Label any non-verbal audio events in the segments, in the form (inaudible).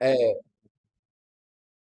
Eh.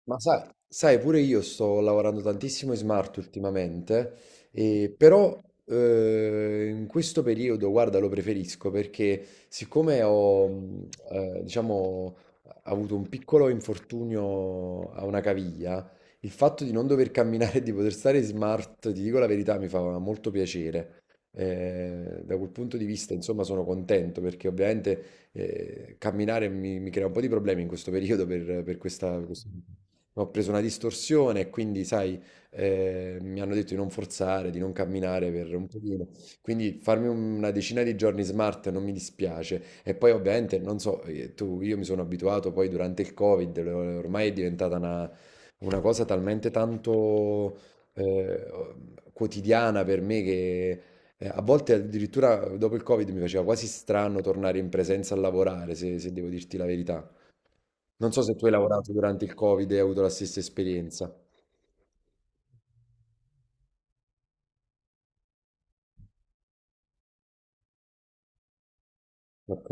Ma sai, pure io sto lavorando tantissimo in smart ultimamente, e però in questo periodo, guarda, lo preferisco perché siccome ho, diciamo, avuto un piccolo infortunio a una caviglia, il fatto di non dover camminare e di poter stare in smart, ti dico la verità, mi fa molto piacere. Da quel punto di vista, insomma, sono contento perché ovviamente camminare mi crea un po' di problemi in questo periodo per ho preso una distorsione e quindi, sai, mi hanno detto di non forzare, di non camminare per un pochino. Quindi farmi una decina di giorni smart non mi dispiace. E poi ovviamente, non so, tu, io mi sono abituato poi durante il Covid, ormai è diventata una cosa talmente tanto eh, quotidiana per me che... A volte addirittura dopo il Covid mi faceva quasi strano tornare in presenza a lavorare, se devo dirti la verità. Non so se tu hai lavorato durante il Covid e hai avuto la stessa esperienza. Ok.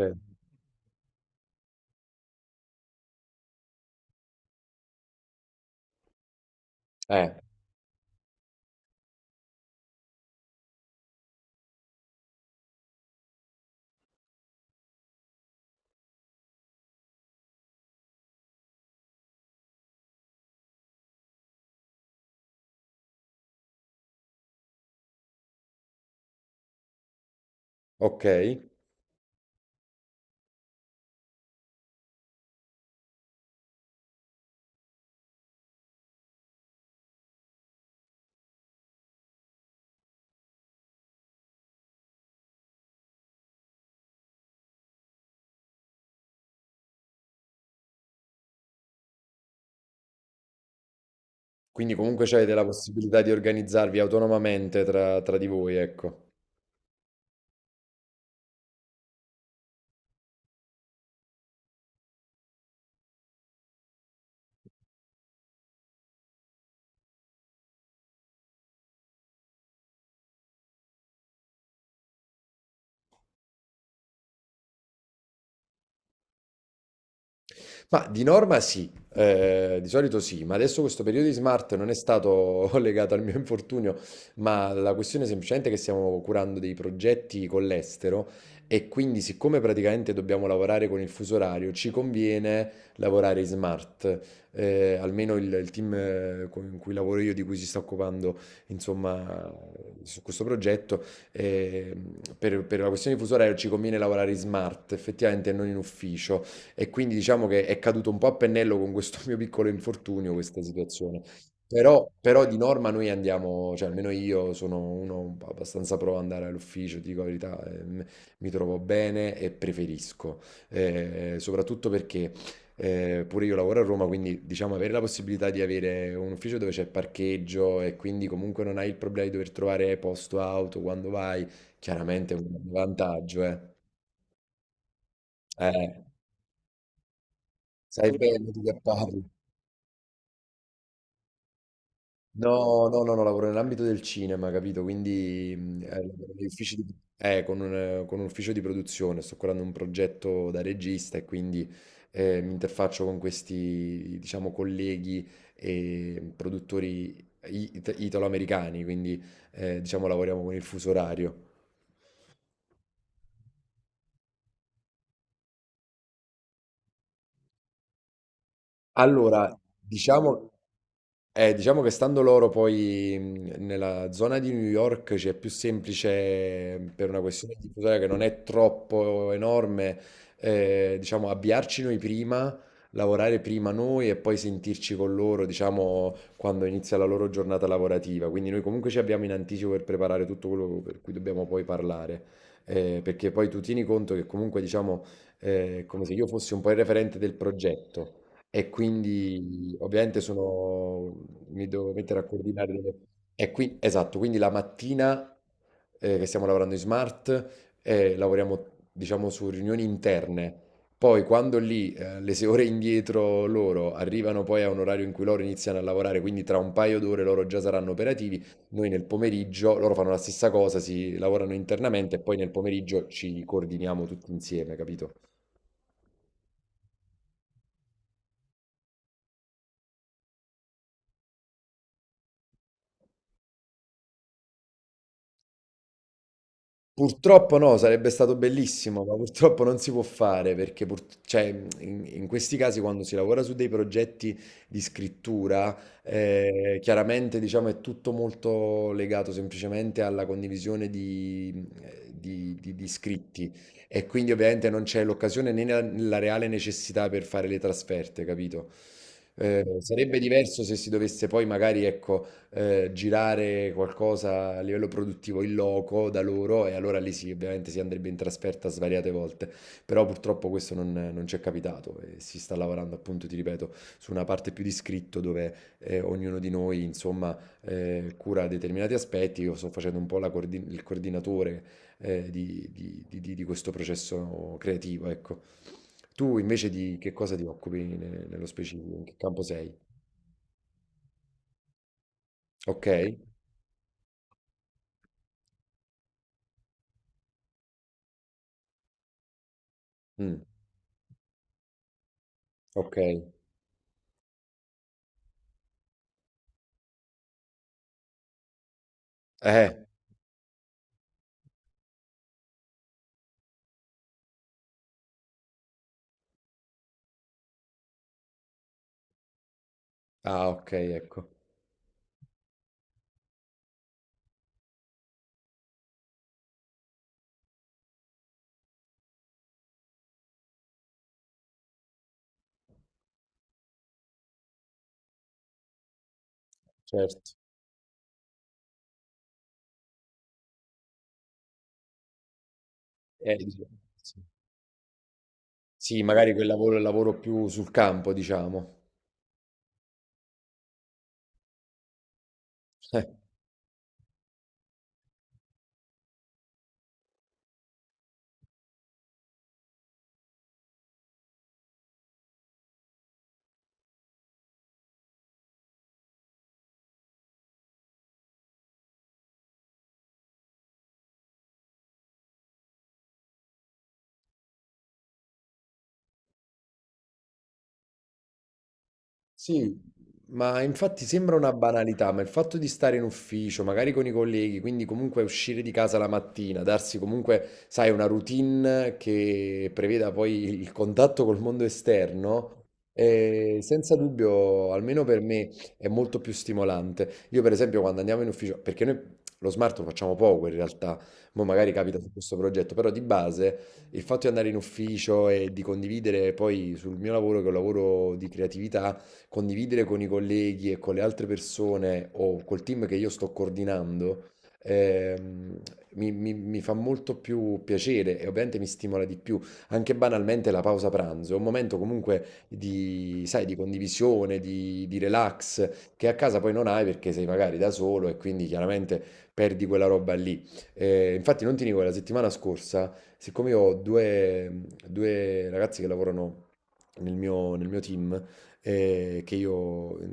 Eh, ok. Quindi comunque avete la possibilità di organizzarvi autonomamente tra di voi, ecco. Ma di norma sì, di solito sì, ma adesso questo periodo di smart non è stato (laughs) legato al mio infortunio, ma la questione è semplicemente che stiamo curando dei progetti con l'estero e quindi siccome praticamente dobbiamo lavorare con il fuso orario, ci conviene lavorare in smart. Almeno il team in cui lavoro io, di cui si sta occupando, insomma, su questo progetto, eh, per la questione di fuso orario ci conviene lavorare in smart, effettivamente, e non in ufficio. E quindi diciamo che è caduto un po' a pennello con questo (laughs) mio piccolo infortunio, questa situazione. Però di norma noi andiamo, cioè almeno io sono uno abbastanza pro ad andare all'ufficio, ti dico la verità, mi trovo bene e preferisco, soprattutto perché pure io lavoro a Roma, quindi diciamo avere la possibilità di avere un ufficio dove c'è parcheggio e quindi comunque non hai il problema di dover trovare posto auto quando vai, chiaramente è un vantaggio, eh. Eh, sai bene di che parli. No, no, no, no, lavoro nell'ambito del cinema, capito? Quindi lavoro negli uffici con un ufficio di produzione, sto curando un progetto da regista e quindi mi interfaccio con questi, diciamo, colleghi e produttori italo-americani, quindi diciamo lavoriamo con il fuso orario. Allora, diciamo, diciamo che stando loro poi nella zona di New York c'è più semplice per una questione di tutela che non è troppo enorme, diciamo avviarci noi prima, lavorare prima noi e poi sentirci con loro, diciamo, quando inizia la loro giornata lavorativa. Quindi noi comunque ci abbiamo in anticipo per preparare tutto quello per cui dobbiamo poi parlare. Perché poi tu tieni conto che comunque, diciamo, è come se io fossi un po' il referente del progetto. E quindi ovviamente sono mi devo mettere a coordinare delle... E qui, esatto, quindi la mattina che stiamo lavorando in smart, lavoriamo diciamo su riunioni interne. Poi quando lì le sei ore indietro loro arrivano poi a un orario in cui loro iniziano a lavorare, quindi tra un paio d'ore loro già saranno operativi, noi nel pomeriggio, loro fanno la stessa cosa, si lavorano internamente e poi nel pomeriggio ci coordiniamo tutti insieme, capito? Purtroppo no, sarebbe stato bellissimo, ma purtroppo non si può fare perché cioè, in questi casi quando si lavora su dei progetti di scrittura, chiaramente diciamo, è tutto molto legato semplicemente alla condivisione di scritti e quindi ovviamente non c'è l'occasione né la reale necessità per fare le trasferte, capito? Sarebbe diverso se si dovesse poi magari, ecco girare qualcosa a livello produttivo in loco da loro e allora lì sì, ovviamente si andrebbe in trasferta svariate volte, però purtroppo questo non ci è capitato e si sta lavorando appunto, ti ripeto, su una parte più di scritto dove ognuno di noi insomma cura determinati aspetti, io sto facendo un po' il coordinatore di questo processo creativo, ecco. Tu invece di che cosa ti occupi nello specifico? In che campo sei? Ok? Mm, ok. Eh. Ah, okay, ecco. Certo. E dice sì. Sì, magari quel lavoro è il lavoro più sul campo, diciamo. (laughs) Eh. Sì, ma infatti sembra una banalità, ma il fatto di stare in ufficio, magari con i colleghi, quindi comunque uscire di casa la mattina, darsi comunque, sai, una routine che preveda poi il contatto col mondo esterno, senza dubbio, almeno per me, è molto più stimolante. Io per esempio quando andiamo in ufficio, perché noi lo smart lo facciamo poco in realtà, mo magari capita su questo progetto, però di base il fatto di andare in ufficio e di condividere poi sul mio lavoro, che è un lavoro di creatività, condividere con i colleghi e con le altre persone o col team che io sto coordinando, ehm, mi fa molto più piacere e ovviamente mi stimola di più. Anche banalmente la pausa pranzo è un momento comunque sai, di condivisione, di relax, che a casa poi non hai perché sei magari da solo e quindi chiaramente perdi quella roba lì. Infatti non ti dico, la settimana scorsa, siccome io due ragazzi che lavorano nel mio team, che io ho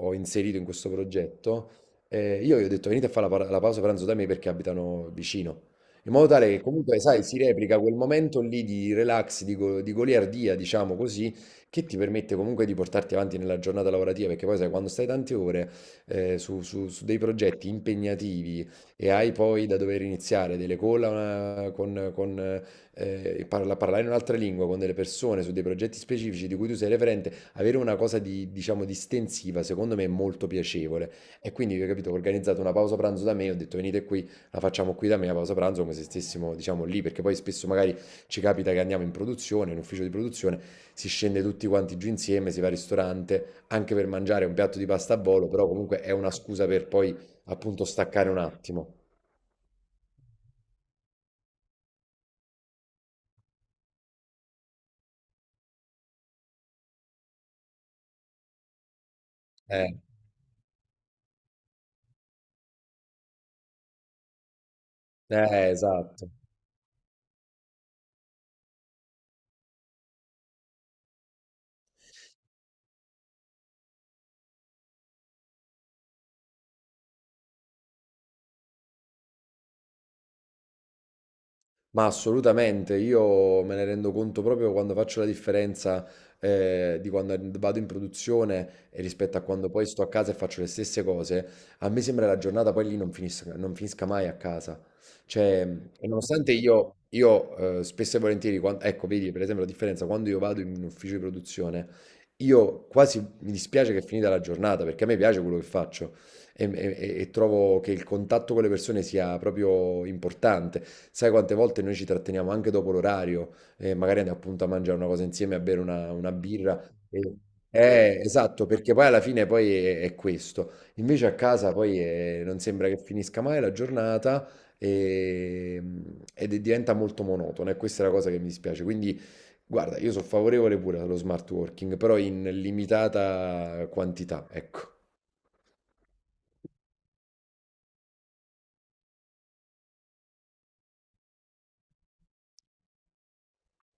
ho inserito in questo progetto, io gli ho detto venite a fare la pausa pranzo da me perché abitano vicino, in modo tale che comunque, sai, si replica quel momento lì di relax, di goliardia, diciamo così, che ti permette comunque di portarti avanti nella giornata lavorativa, perché poi sai, quando stai tante ore su dei progetti impegnativi e hai poi da dover iniziare delle call eh, con, con, parlare in un'altra lingua con delle persone su dei progetti specifici di cui tu sei referente, avere una cosa di, diciamo, distensiva, secondo me è molto piacevole. E quindi, ho capito, ho organizzato una pausa pranzo da me, ho detto venite qui, la facciamo qui da me, la pausa pranzo, come se stessimo, diciamo, lì, perché poi spesso magari ci capita che andiamo in produzione, in ufficio di produzione, si scende tutti quanti giù insieme, si va al ristorante, anche per mangiare un piatto di pasta a volo, però comunque è una scusa per poi, appunto, staccare un attimo. Eh, esatto. Ma assolutamente, io me ne rendo conto proprio quando faccio la differenza di quando vado in produzione e rispetto a quando poi sto a casa e faccio le stesse cose. A me sembra la giornata poi lì non finisca, non finisca mai a casa. Cioè, e nonostante io spesso e volentieri, ecco, vedi per esempio la differenza, quando io vado in un ufficio di produzione, io quasi mi dispiace che è finita la giornata perché a me piace quello che faccio. E trovo che il contatto con le persone sia proprio importante. Sai quante volte noi ci tratteniamo anche dopo l'orario, magari andiamo appunto a mangiare una cosa insieme, a bere una birra. e- esatto, perché poi alla fine poi è questo. Invece a casa poi non sembra che finisca mai la giornata e- diventa molto monotona e questa è la cosa che mi dispiace. Quindi guarda, io sono favorevole pure allo smart working, però in limitata quantità, ecco.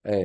Eh,